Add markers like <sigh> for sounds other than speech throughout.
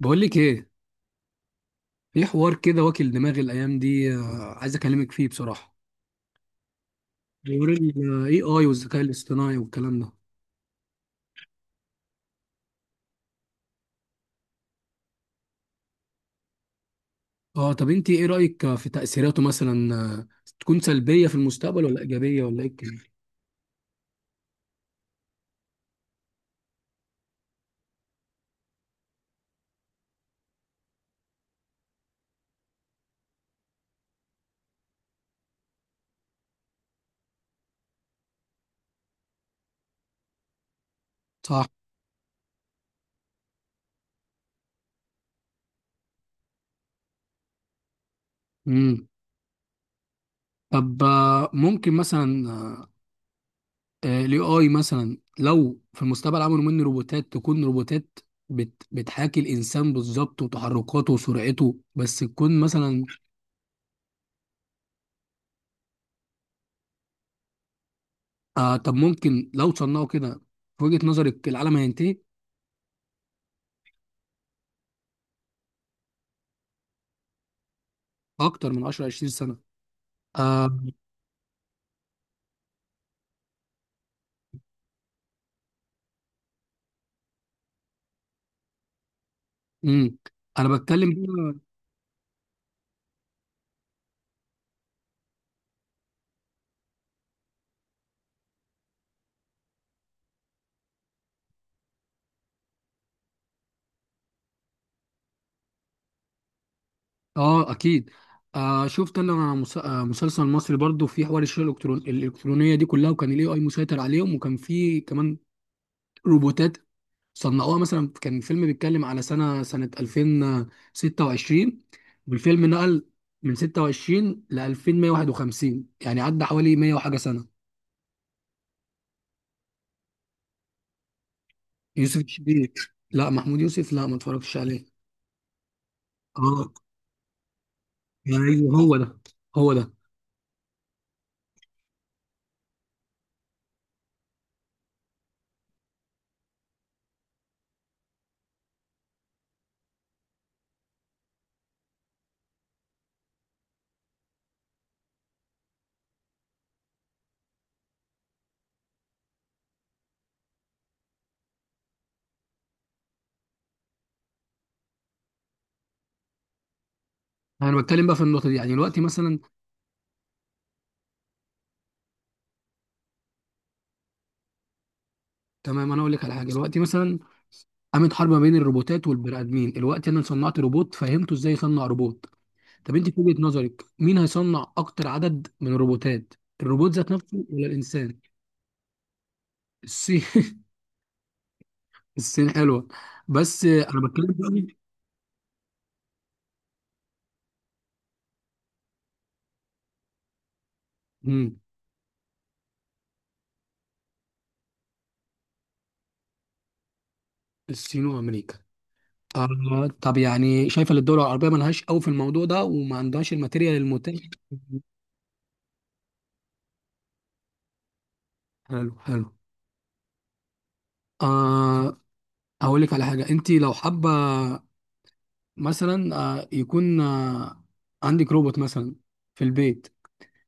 بقول لك ايه. في حوار كده واكل دماغي الايام دي، عايز اكلمك فيه بصراحه. حوار الاي اي والذكاء الاصطناعي والكلام ده. اه، طب انت ايه رايك في تاثيراته مثلا، تكون سلبيه في المستقبل ولا ايجابيه ولا ايه الكلام؟ صح. امم. طب، ممكن مثلا الاي اي مثلا لو في المستقبل عملوا منه روبوتات، تكون روبوتات بتحاكي الانسان بالظبط وتحركاته وسرعته، بس تكون مثلا. آه، طب ممكن لو صنعوا كده، في وجهة نظرك العالم هينتهي؟ اكتر من 10 20 سنه. آه. امم. انا بتكلم بقى. اه، اكيد. آه، شفت انا مسلسل مصري برضو في حوار الشرع الالكترونيه دي كلها، وكان الاي اي مسيطر عليهم، وكان في كمان روبوتات صنعوها. مثلا كان فيلم بيتكلم على سنه 2026، والفيلم نقل من 26 ل 2151، يعني عدى حوالي 100 وحاجه سنه. يوسف الشريف. لا، محمود يوسف، لا ما اتفرجتش عليه. اه، ايوه هو ده. هو ده. انا بتكلم بقى في النقطه دي، يعني دلوقتي مثلا. تمام، انا اقول لك على حاجه. دلوقتي مثلا قامت حرب ما بين الروبوتات والبني ادمين، دلوقتي انا صنعت روبوت، فهمته ازاي يصنع روبوت. طب انت في وجهه نظرك مين هيصنع اكتر عدد من الروبوتات؟ الروبوت ذات نفسه ولا الانسان؟ الصين. <laughs> الصين حلوه. بس انا بتكلم دلوقتي. مم. الصين وامريكا. آه، طب يعني شايفه ان الدول العربيه ملهاش قوي في الموضوع ده وما عندهاش الماتيريال المتاح؟ حلو حلو. آه. هقول لك على حاجه، انت لو حابه مثلا، يكون عندك روبوت مثلا في البيت،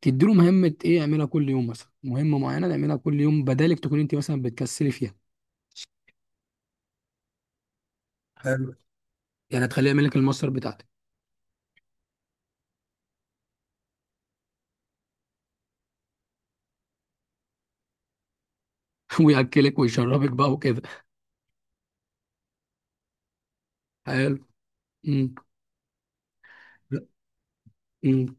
تديله مهمة ايه يعملها كل يوم، مثلا مهمة معينة تعملها كل يوم بدالك تكون انت مثلا بتكسلي فيها. حلو. يعني تخليه يعمل لك المصدر بتاعتك. <laughs> وياكلك ويشربك بقى وكده. حلو. مم. مم.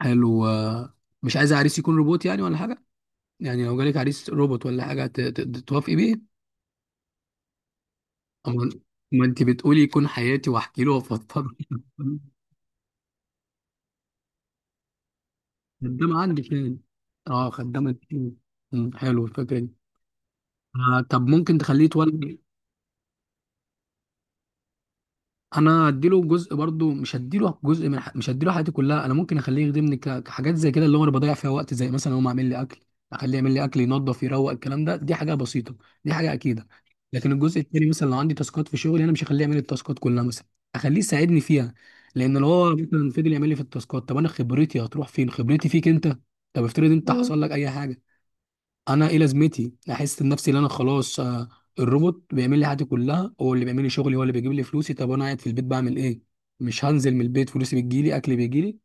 حلو. مش عايز عريس يكون روبوت يعني ولا حاجة. يعني لو جالك عريس روبوت ولا حاجة توافقي بيه؟ أما. ما انت بتقولي يكون حياتي واحكي له وافضفض. <laughs> خدام عندي فين؟ اه، خدام التيم. مم، حلو الفكره دي. آه، طب ممكن تخليه يتولد. انا اديله جزء برضو، مش هديله جزء مش هديله حياتي كلها. انا ممكن اخليه يخدمني كحاجات زي كده، اللي هو انا بضيع فيها وقت، زي مثلا هو عامل لي اكل. اخليه يعمل لي اكل، ينظف، يروق، الكلام ده دي حاجه بسيطه، دي حاجه اكيده. لكن الجزء التاني مثلا، لو عندي تاسكات في شغلي، انا مش هخليه يعمل لي التاسكات كلها مثلا، اخليه يساعدني فيها. لان لو هو مثلا فضل يعمل لي في التاسكات، طب انا خبرتي هتروح فين؟ خبرتي فيك انت. طب افترض انت حصل لك اي حاجه. انا ايه لازمتي؟ احس بنفسي ان انا خلاص، الروبوت بيعمل لي حياتي كلها، هو اللي بيعمل لي شغلي، هو اللي بيجيب لي فلوسي، طب انا قاعد في البيت بعمل ايه؟ مش هنزل من البيت، فلوسي بتجيلي، اكلي بيجيلي،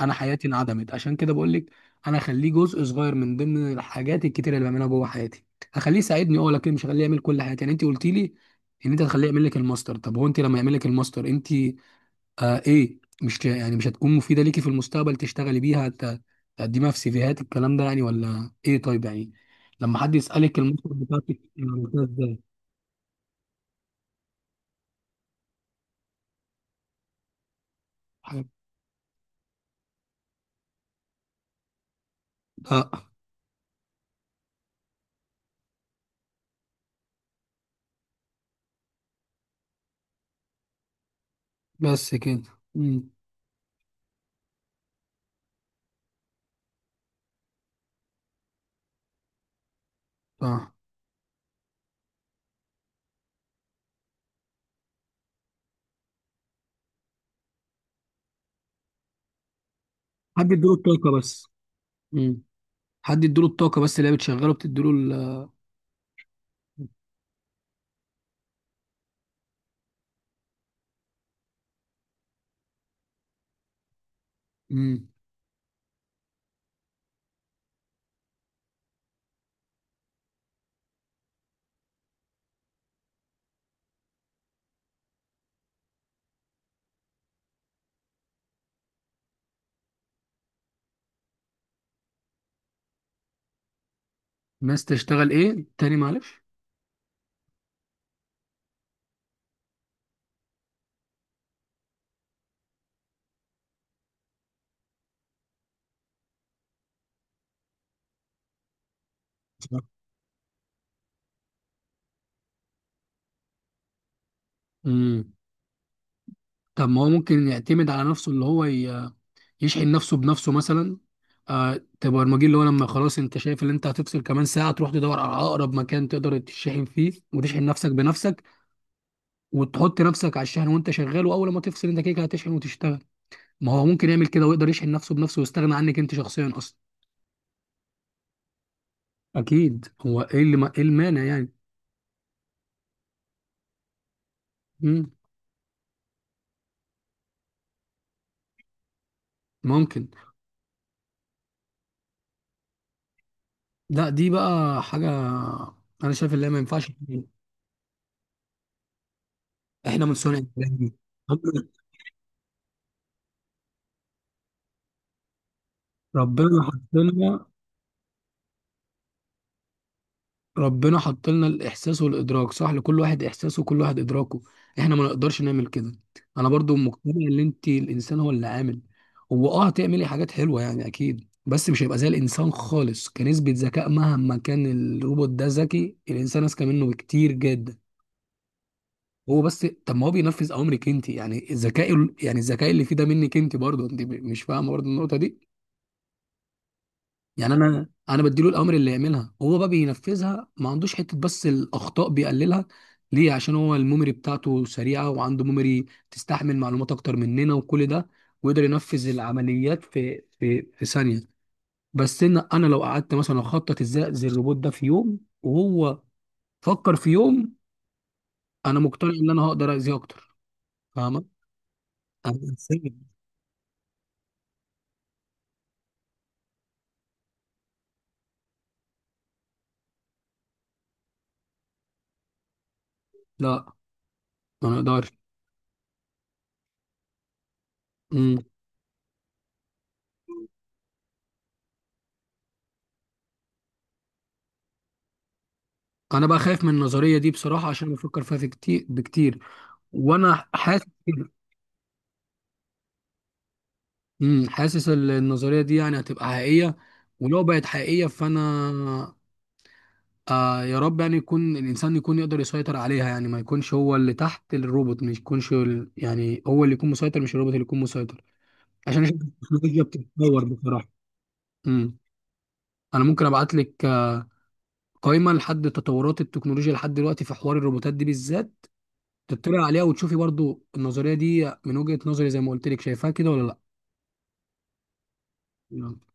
انا حياتي انعدمت. عشان كده بقول لك انا اخليه جزء صغير من ضمن الحاجات الكتيره اللي بعملها جوه حياتي، هخليه يساعدني، اه، لكن مش هخليه يعمل كل حياتي. يعني انت قلتي لي ان انت هتخليه يعمل لك الماستر، طب هو انت لما يعمل لك الماستر انت، ايه؟ مش يعني مش هتكون مفيده ليكي في المستقبل تشتغلي بيها، تقدميها في سيفيهات، الكلام ده يعني ولا ايه؟ طيب يعني لما حد يسالك المنطق بتاعتك، أنا عملتها ازاي؟ حاجة- لا، بس كده. امم. صح. حد يديله الطاقه بس. امم. حد يديله الطاقه بس، اللي هي بتشغله، بتديله. امم. الناس تشتغل ايه تاني، معلش؟ امم. طب ما هو ممكن يعتمد على نفسه، اللي هو يشحن نفسه بنفسه مثلا. آه. تبقى البرمجي اللي هو لما خلاص انت شايف ان انت هتفصل كمان ساعه، تروح تدور على اقرب مكان تقدر تشحن فيه وتشحن نفسك بنفسك، وتحط نفسك على الشحن وانت شغال، واول ما تفصل انت كده كده هتشحن وتشتغل. ما هو ممكن يعمل كده ويقدر يشحن نفسه بنفسه ويستغنى عنك انت شخصيا اصلا. اكيد، هو ايه اللي ما، ايه المانع يعني؟ مم. ممكن. لا، دي بقى حاجه انا شايف ان هي ما ينفعش. احنا من صنع الكلام دي. ربنا. ربنا حطنا. ربنا حط لنا الاحساس والادراك، صح، لكل واحد احساسه وكل واحد ادراكه، احنا ما نقدرش نعمل كده. انا برضو مقتنع ان انت الانسان هو اللي عامل. هو، هتعملي حاجات حلوه يعني اكيد، بس مش هيبقى زي الانسان خالص كنسبه ذكاء مهما كان. الروبوت ده ذكي، الانسان اذكى منه بكتير جدا. هو بس طب ما هو بينفذ اوامرك انت، يعني الذكاء، يعني الذكاء اللي فيه ده منك انت برضو، انت مش فاهمه برضو النقطه دي. يعني انا بديله الاوامر اللي يعملها، هو بقى بينفذها، ما عندوش حته، بس الاخطاء بيقللها. ليه؟ عشان هو الميموري بتاعته سريعه، وعنده ميموري تستحمل معلومات اكتر مننا وكل ده، ويقدر ينفذ العمليات في ثانيه. بس ان انا لو قعدت مثلا اخطط ازاي اذي الروبوت ده في يوم، وهو فكر في يوم، انا مقتنع ان انا هقدر اذيه اكتر. فاهمه؟ أنا إنسان. لا، ما اقدرش. امم. انا بقى خايف من النظريه دي بصراحه، عشان بفكر فيها في كتير بكتير، وانا حاسس. امم. حاسس النظريه دي يعني هتبقى حقيقيه، ولو بقت حقيقيه فانا، آه، يا رب يعني يكون الانسان يقدر يسيطر عليها، يعني ما يكونش هو اللي تحت الروبوت، مش يكونش يعني هو اللي يكون مسيطر مش الروبوت اللي يكون مسيطر، عشان أشوف التكنولوجيا بتتطور بصراحه. امم. انا ممكن ابعت لك قائمه لحد تطورات التكنولوجيا لحد دلوقتي في حوار الروبوتات دي بالذات، تطلع عليها وتشوفي برضو النظريه دي من وجهه نظري، زي ما قلت لك، شايفاها كده ولا لا؟